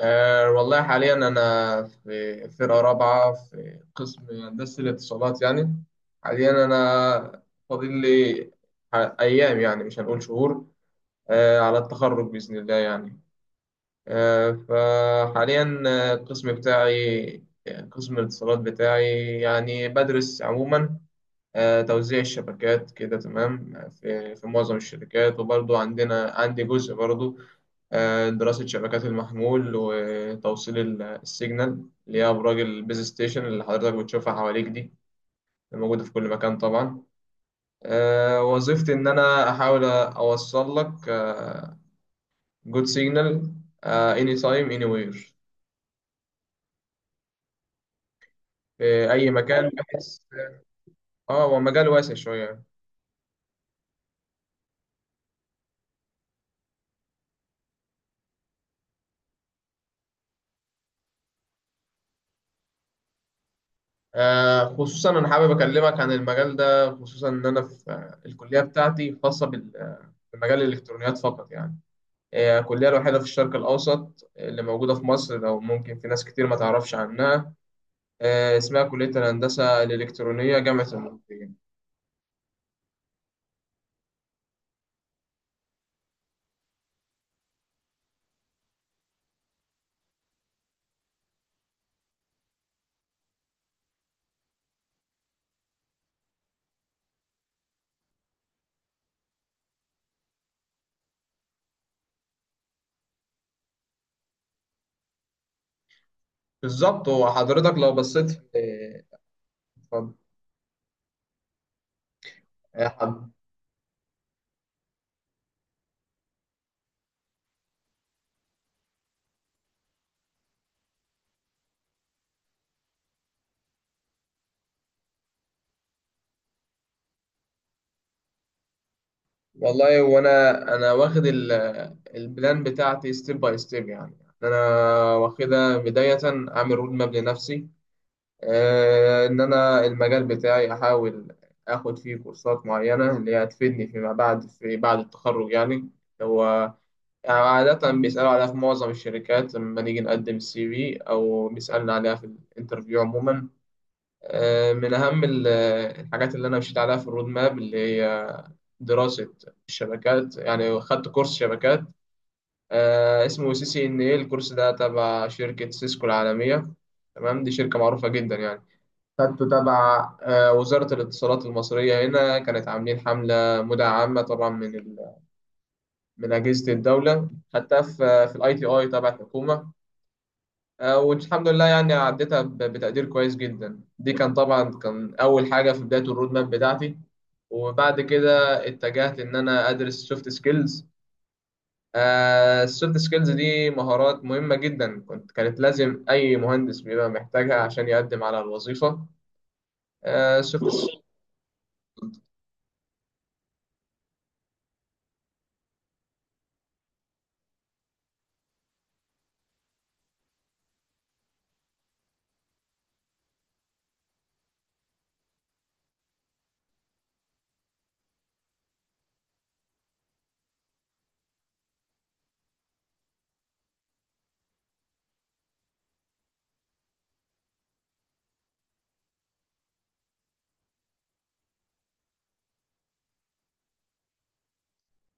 والله حاليا أنا في فرقة رابعة في قسم هندسة الاتصالات، يعني حاليا أنا فاضل لي أيام، يعني مش هنقول شهور على التخرج بإذن الله، يعني فحاليا القسم بتاعي قسم الاتصالات بتاعي يعني بدرس عموما توزيع الشبكات كده تمام في معظم الشركات، وبرضو عندي جزء برضو دراسة شبكات المحمول، وتوصيل السيجنال اللي هي أبراج البيز ستيشن اللي حضرتك بتشوفها حواليك دي، موجودة في كل مكان طبعا. وظيفتي إن أنا أحاول أوصل لك جود سيجنال اني تايم اني وير في أي مكان، بحيث اه هو مجال واسع شوية. خصوصا أنا حابب أكلمك عن المجال ده، خصوصا إن أنا في الكلية بتاعتي خاصة بمجال الإلكترونيات فقط، يعني هي الكلية الوحيدة في الشرق الأوسط اللي موجودة في مصر، لو ممكن في ناس كتير ما تعرفش عنها. اسمها كلية الهندسة الإلكترونية جامعة المنوفية. بالظبط، هو حضرتك لو بصيت في، اتفضل يا حضرتك. والله وانا واخد البلان بتاعتي ستيب باي ستيب، يعني انا واخدها بداية، اعمل رود ماب لنفسي. ان انا المجال بتاعي احاول اخد فيه كورسات معينة اللي هي هتفيدني فيما بعد في بعد التخرج، يعني هو يعني عادة بيسألوا عليها في معظم الشركات لما نيجي نقدم السي في، أو بيسألنا عليها في الانترفيو عموما. من أهم الحاجات اللي أنا مشيت عليها في الرود ماب اللي هي دراسة الشبكات، يعني خدت كورس شبكات اسمه CCNA. الكورس ده تبع شركة سيسكو العالمية، تمام، دي شركة معروفة جدا يعني. خدته تبع وزارة الاتصالات المصرية هنا، كانت عاملين حملة مدعمة طبعا من أجهزة الدولة، خدتها في الاي تي اي تبع الحكومة. والحمد لله يعني عديتها بتقدير كويس جدا، دي كان طبعا أول حاجة في بداية الرود ماب بتاعتي. وبعد كده اتجهت إن أنا أدرس سوفت سكيلز. السوفت سكيلز دي مهارات مهمة جدا، كانت لازم أي مهندس بيبقى محتاجها عشان يقدم على الوظيفة. سوفت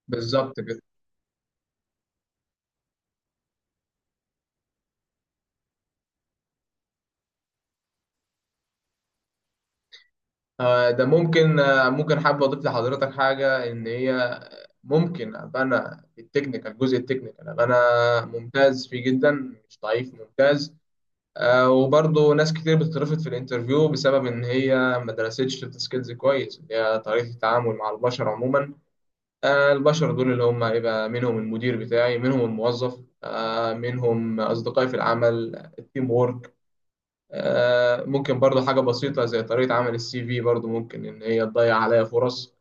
بالظبط كده. آه، ده ممكن آه، ممكن حابب أضيف لحضرتك حاجة، إن هي ممكن أبقى أنا في التكنيكال، الجزء التكنيكال أبقى أنا ممتاز فيه جدا، مش ضعيف، ممتاز. وبرضه ناس كتير بتترفض في الانترفيو بسبب إن هي ما درستش سوفت سكيلز كويس، اللي هي طريقة التعامل مع البشر عموما. البشر دول اللي هم يبقى منهم المدير بتاعي، منهم الموظف، منهم أصدقائي في العمل، التيم وورك. ممكن برضه حاجة بسيطة زي طريقة عمل السي في، برضه ممكن إن هي تضيع عليا فرص.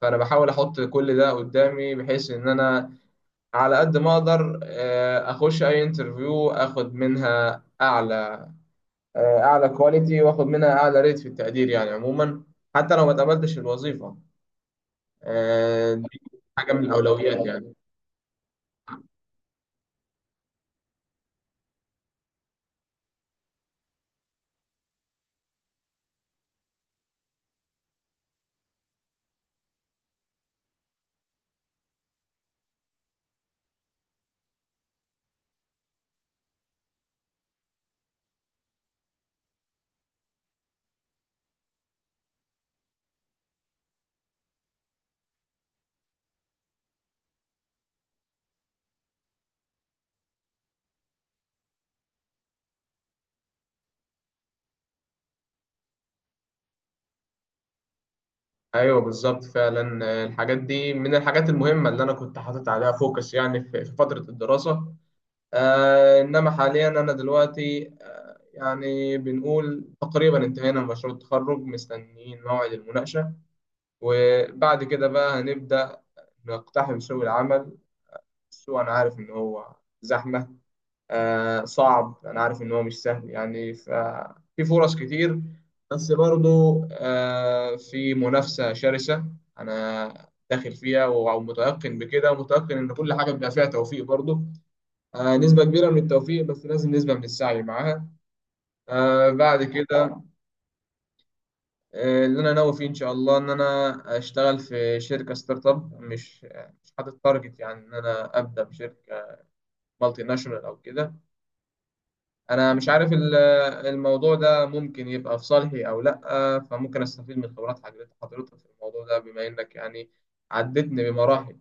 فأنا بحاول أحط كل ده قدامي، بحيث إن أنا على قد ما أقدر أخش أي انترفيو أخد منها أعلى، اعلى كواليتي، واخد منها اعلى ريت في التقدير يعني عموما، حتى لو ما اتقبلتش الوظيفه دي، حاجه من الاولويات يعني. ايوه، بالظبط فعلا. الحاجات دي من الحاجات المهمه اللي انا كنت حاطط عليها فوكس، يعني في فتره الدراسه. انما حاليا انا دلوقتي يعني بنقول تقريبا انتهينا من مشروع التخرج، مستنيين موعد المناقشه، وبعد كده بقى هنبدا نقتحم سوق العمل. السوق انا عارف ان هو زحمه، صعب، انا عارف ان هو مش سهل، يعني ففي فرص كتير بس برضو في منافسة شرسة انا داخل فيها، ومتيقن بكده، ومتيقن ان كل حاجة بيبقى فيها توفيق برضو. نسبة كبيرة من التوفيق، بس لازم نسبة من السعي معاها. بعد كده اللي انا ناوي فيه ان شاء الله ان انا اشتغل في شركة ستارت اب، مش حاطط تارجت يعني ان انا ابدا بشركة مالتي ناشونال او كده. انا مش عارف الموضوع ده ممكن يبقى في صالحي او لا، فممكن استفيد من خبرات حضرتك في الموضوع ده، بما انك يعني عدتني بمراحل.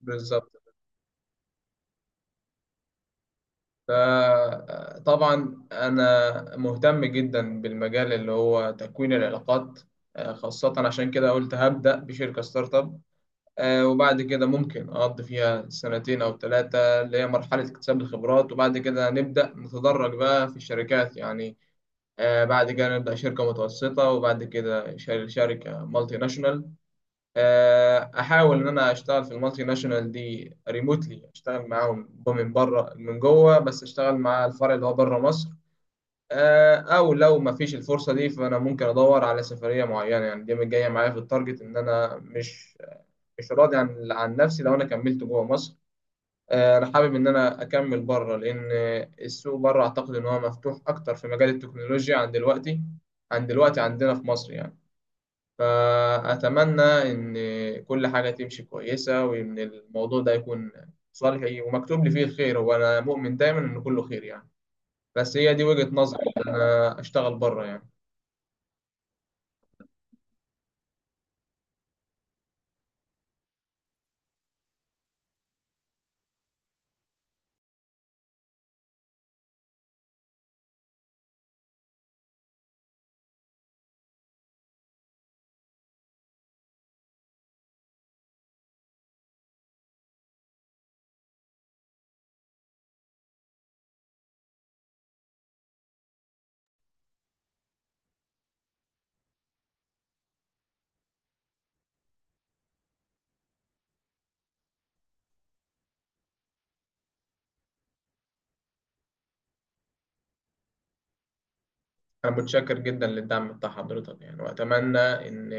بالظبط. فطبعا انا مهتم جدا بالمجال اللي هو تكوين العلاقات. خاصة عشان كده قلت هبدأ بشركة ستارت اب، وبعد كده ممكن اقضي فيها سنتين او ثلاثة اللي هي مرحلة اكتساب الخبرات، وبعد كده نبدأ نتدرج بقى في الشركات يعني. بعد كده نبدأ شركة متوسطة، وبعد كده شركة مالتي ناشونال. أحاول إن أنا أشتغل في المالتي ناشونال دي ريموتلي، أشتغل معاهم من بره من جوه، بس أشتغل مع الفرع اللي هو بره مصر. أو لو ما فيش الفرصة دي فأنا ممكن أدور على سفرية معينة، يعني دي جاية معايا في التارجت، إن أنا مش راضي عن نفسي لو أنا كملت جوه مصر. انا حابب ان انا اكمل بره، لان السوق بره اعتقد ان هو مفتوح اكتر في مجال التكنولوجيا عن دلوقتي، عندنا في مصر يعني. فاتمنى ان كل حاجه تمشي كويسه، وان الموضوع ده يكون صالحي ومكتوب لي فيه الخير، وانا مؤمن دايما ان كله خير يعني. بس هي دي وجهة نظري إن انا اشتغل بره يعني. انا متشكر جدا للدعم بتاع حضرتك يعني، واتمنى ان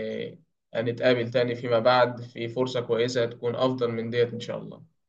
نتقابل تاني فيما بعد في فرصة كويسة، تكون افضل من ديت ان شاء الله.